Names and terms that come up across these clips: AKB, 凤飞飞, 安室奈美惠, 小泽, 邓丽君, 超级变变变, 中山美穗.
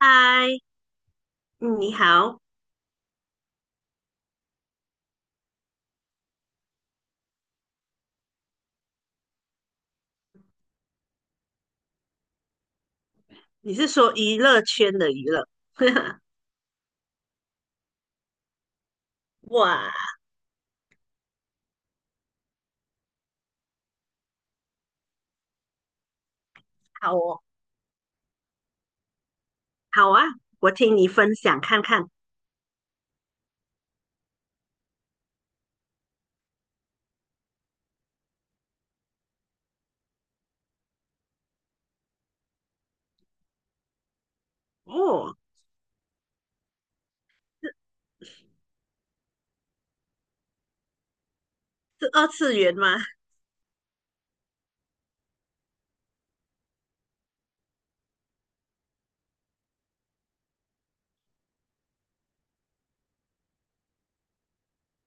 嗨，嗯你好，你是说娱乐圈的娱乐？哇，好哦，好啊，我听你分享看看。哦，是二次元吗？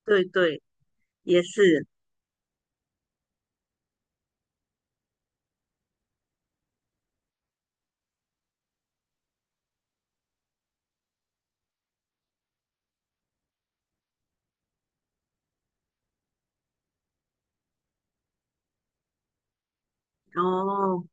对对，也是。哦，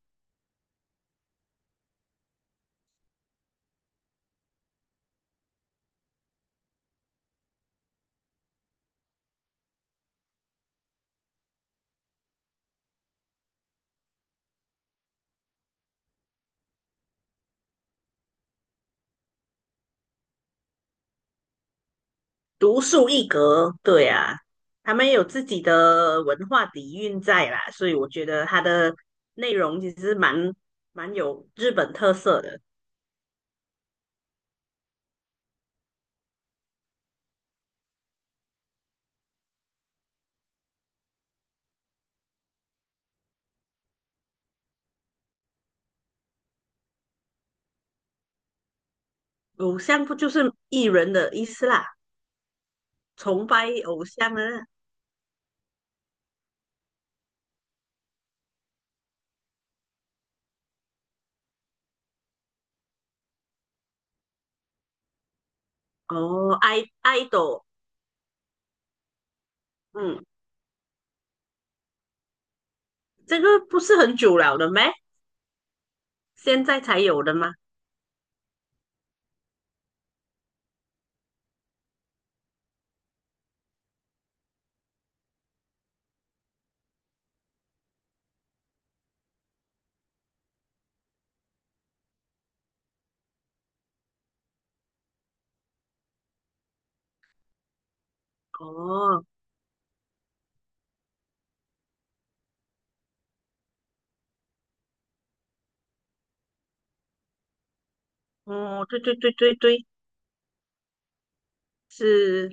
独树一格，对啊，他们有自己的文化底蕴在啦，所以我觉得它的内容其实蛮有日本特色的。偶像不就是艺人的意思啦？崇拜偶像啊？哦，爱豆，嗯。这个不是很久了的咩？现在才有的吗？哦，哦，对对对对对，是。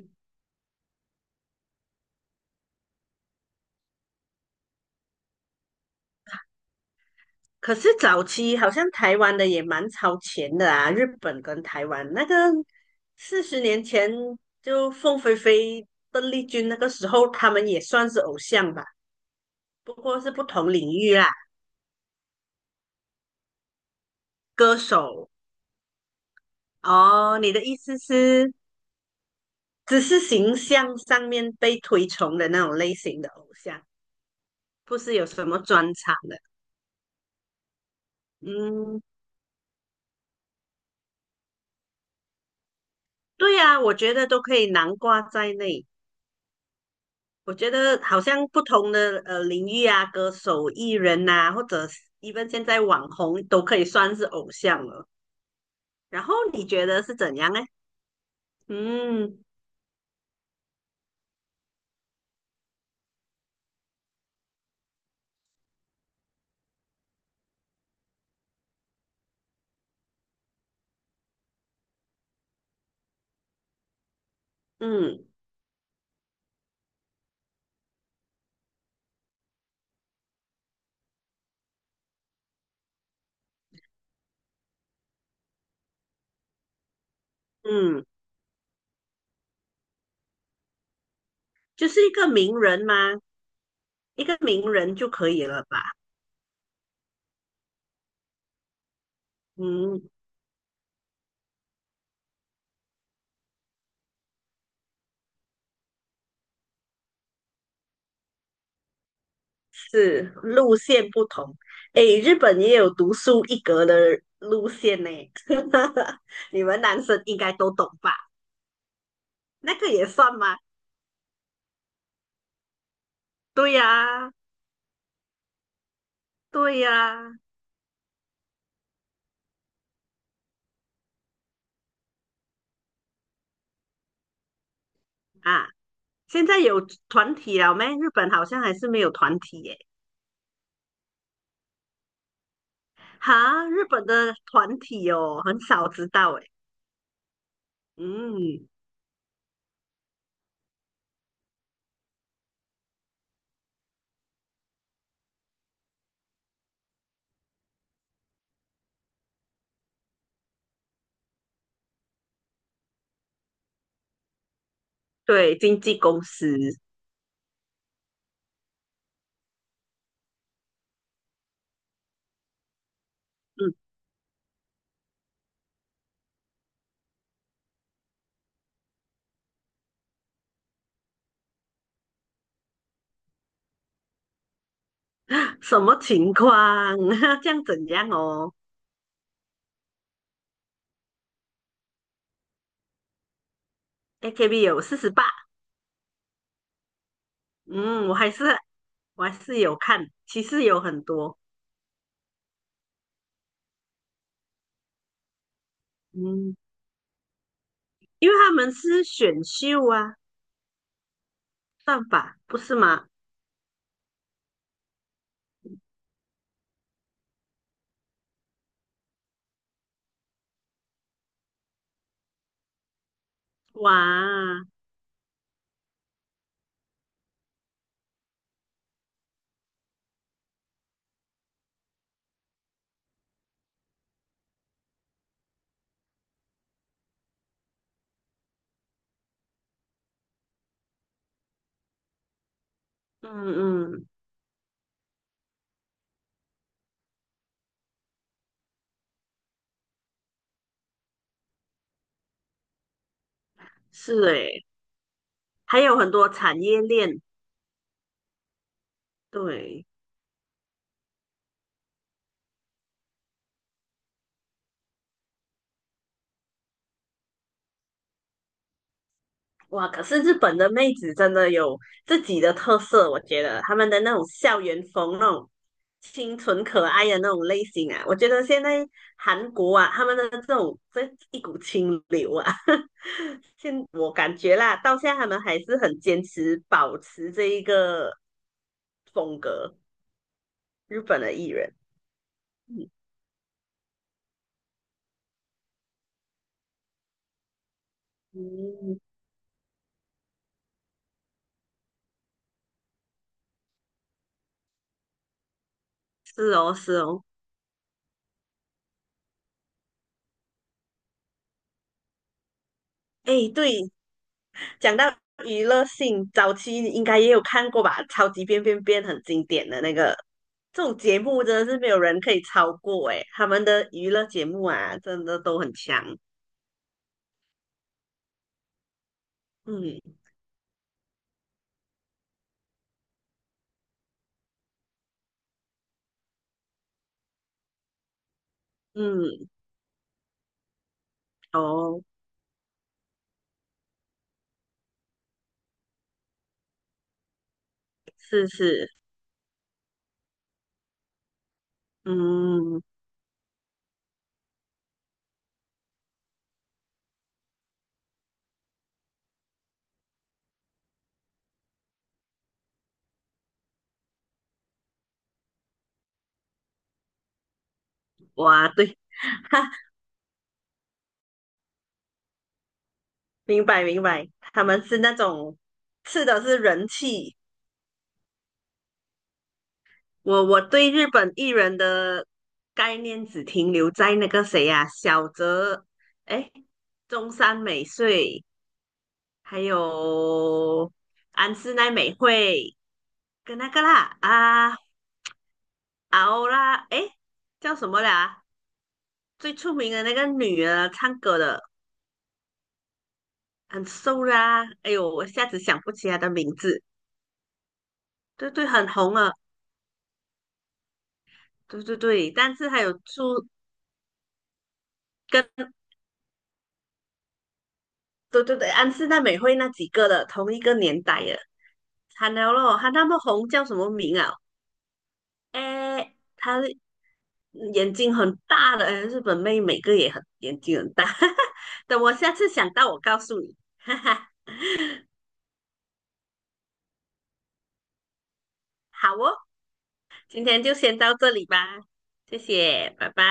可是早期好像台湾的也蛮超前的啊，日本跟台湾那个40年前就凤飞飞、邓丽君那个时候，他们也算是偶像吧，不过是不同领域啦，歌手。哦，你的意思是只是形象上面被推崇的那种类型的偶像，不是有什么专长的。嗯，对呀，我觉得都可以囊括在内。我觉得好像不同的领域啊，歌手、艺人呐、或者 even 现在网红都可以算是偶像了。然后你觉得是怎样呢？嗯嗯嗯，就是一个名人吗？一个名人就可以了吧？嗯，是路线不同。诶，日本也有独树一格的路线呢，你们男生应该都懂吧？那个也算吗？对呀、对呀，啊，现在有团体了没？日本好像还是没有团体耶。哈，日本的团体哦，很少知道诶。嗯，对，经纪公司，嗯，什么情况？这样怎样哦？AKB 有48，嗯，我还是有看，其实有很多，嗯，因为他们是选秀啊，算吧，不是吗？哇，嗯嗯，是诶，还有很多产业链。对，哇！可是日本的妹子真的有自己的特色，我觉得她们的那种校园风、那种清纯可爱的那种类型啊，我觉得现在韩国啊，他们的这种这一股清流啊，现我感觉啦，到现在他们还是很坚持保持这一个风格，日本的艺人。嗯，是哦，是哦，哎，对，讲到娱乐性，早期你应该也有看过吧，《超级变变变》很经典的那个，这种节目真的是没有人可以超过诶，他们的娱乐节目啊，真的都很强。嗯嗯，哦，是是，嗯，哇，对，哈，明白明白，他们是那种吃的是人气。我对日本艺人的概念只停留在那个谁呀、啊小泽，哎，中山美穗。还有安室奈美惠跟那个啦啊啊欧啦，诶，叫什么啦？最出名的那个女的唱歌的，很瘦啦。哎呦，我一下子想不起她的名字。对对，很红啊。对对对，但是还有出跟对对对安室奈美惠那几个的同一个年代的，惨了咯，她那么红叫什么名啊？诶，她眼睛很大的，日本妹每个也很眼睛很大。等我下次想到，我告诉你。好哦，今天就先到这里吧，谢谢，拜拜。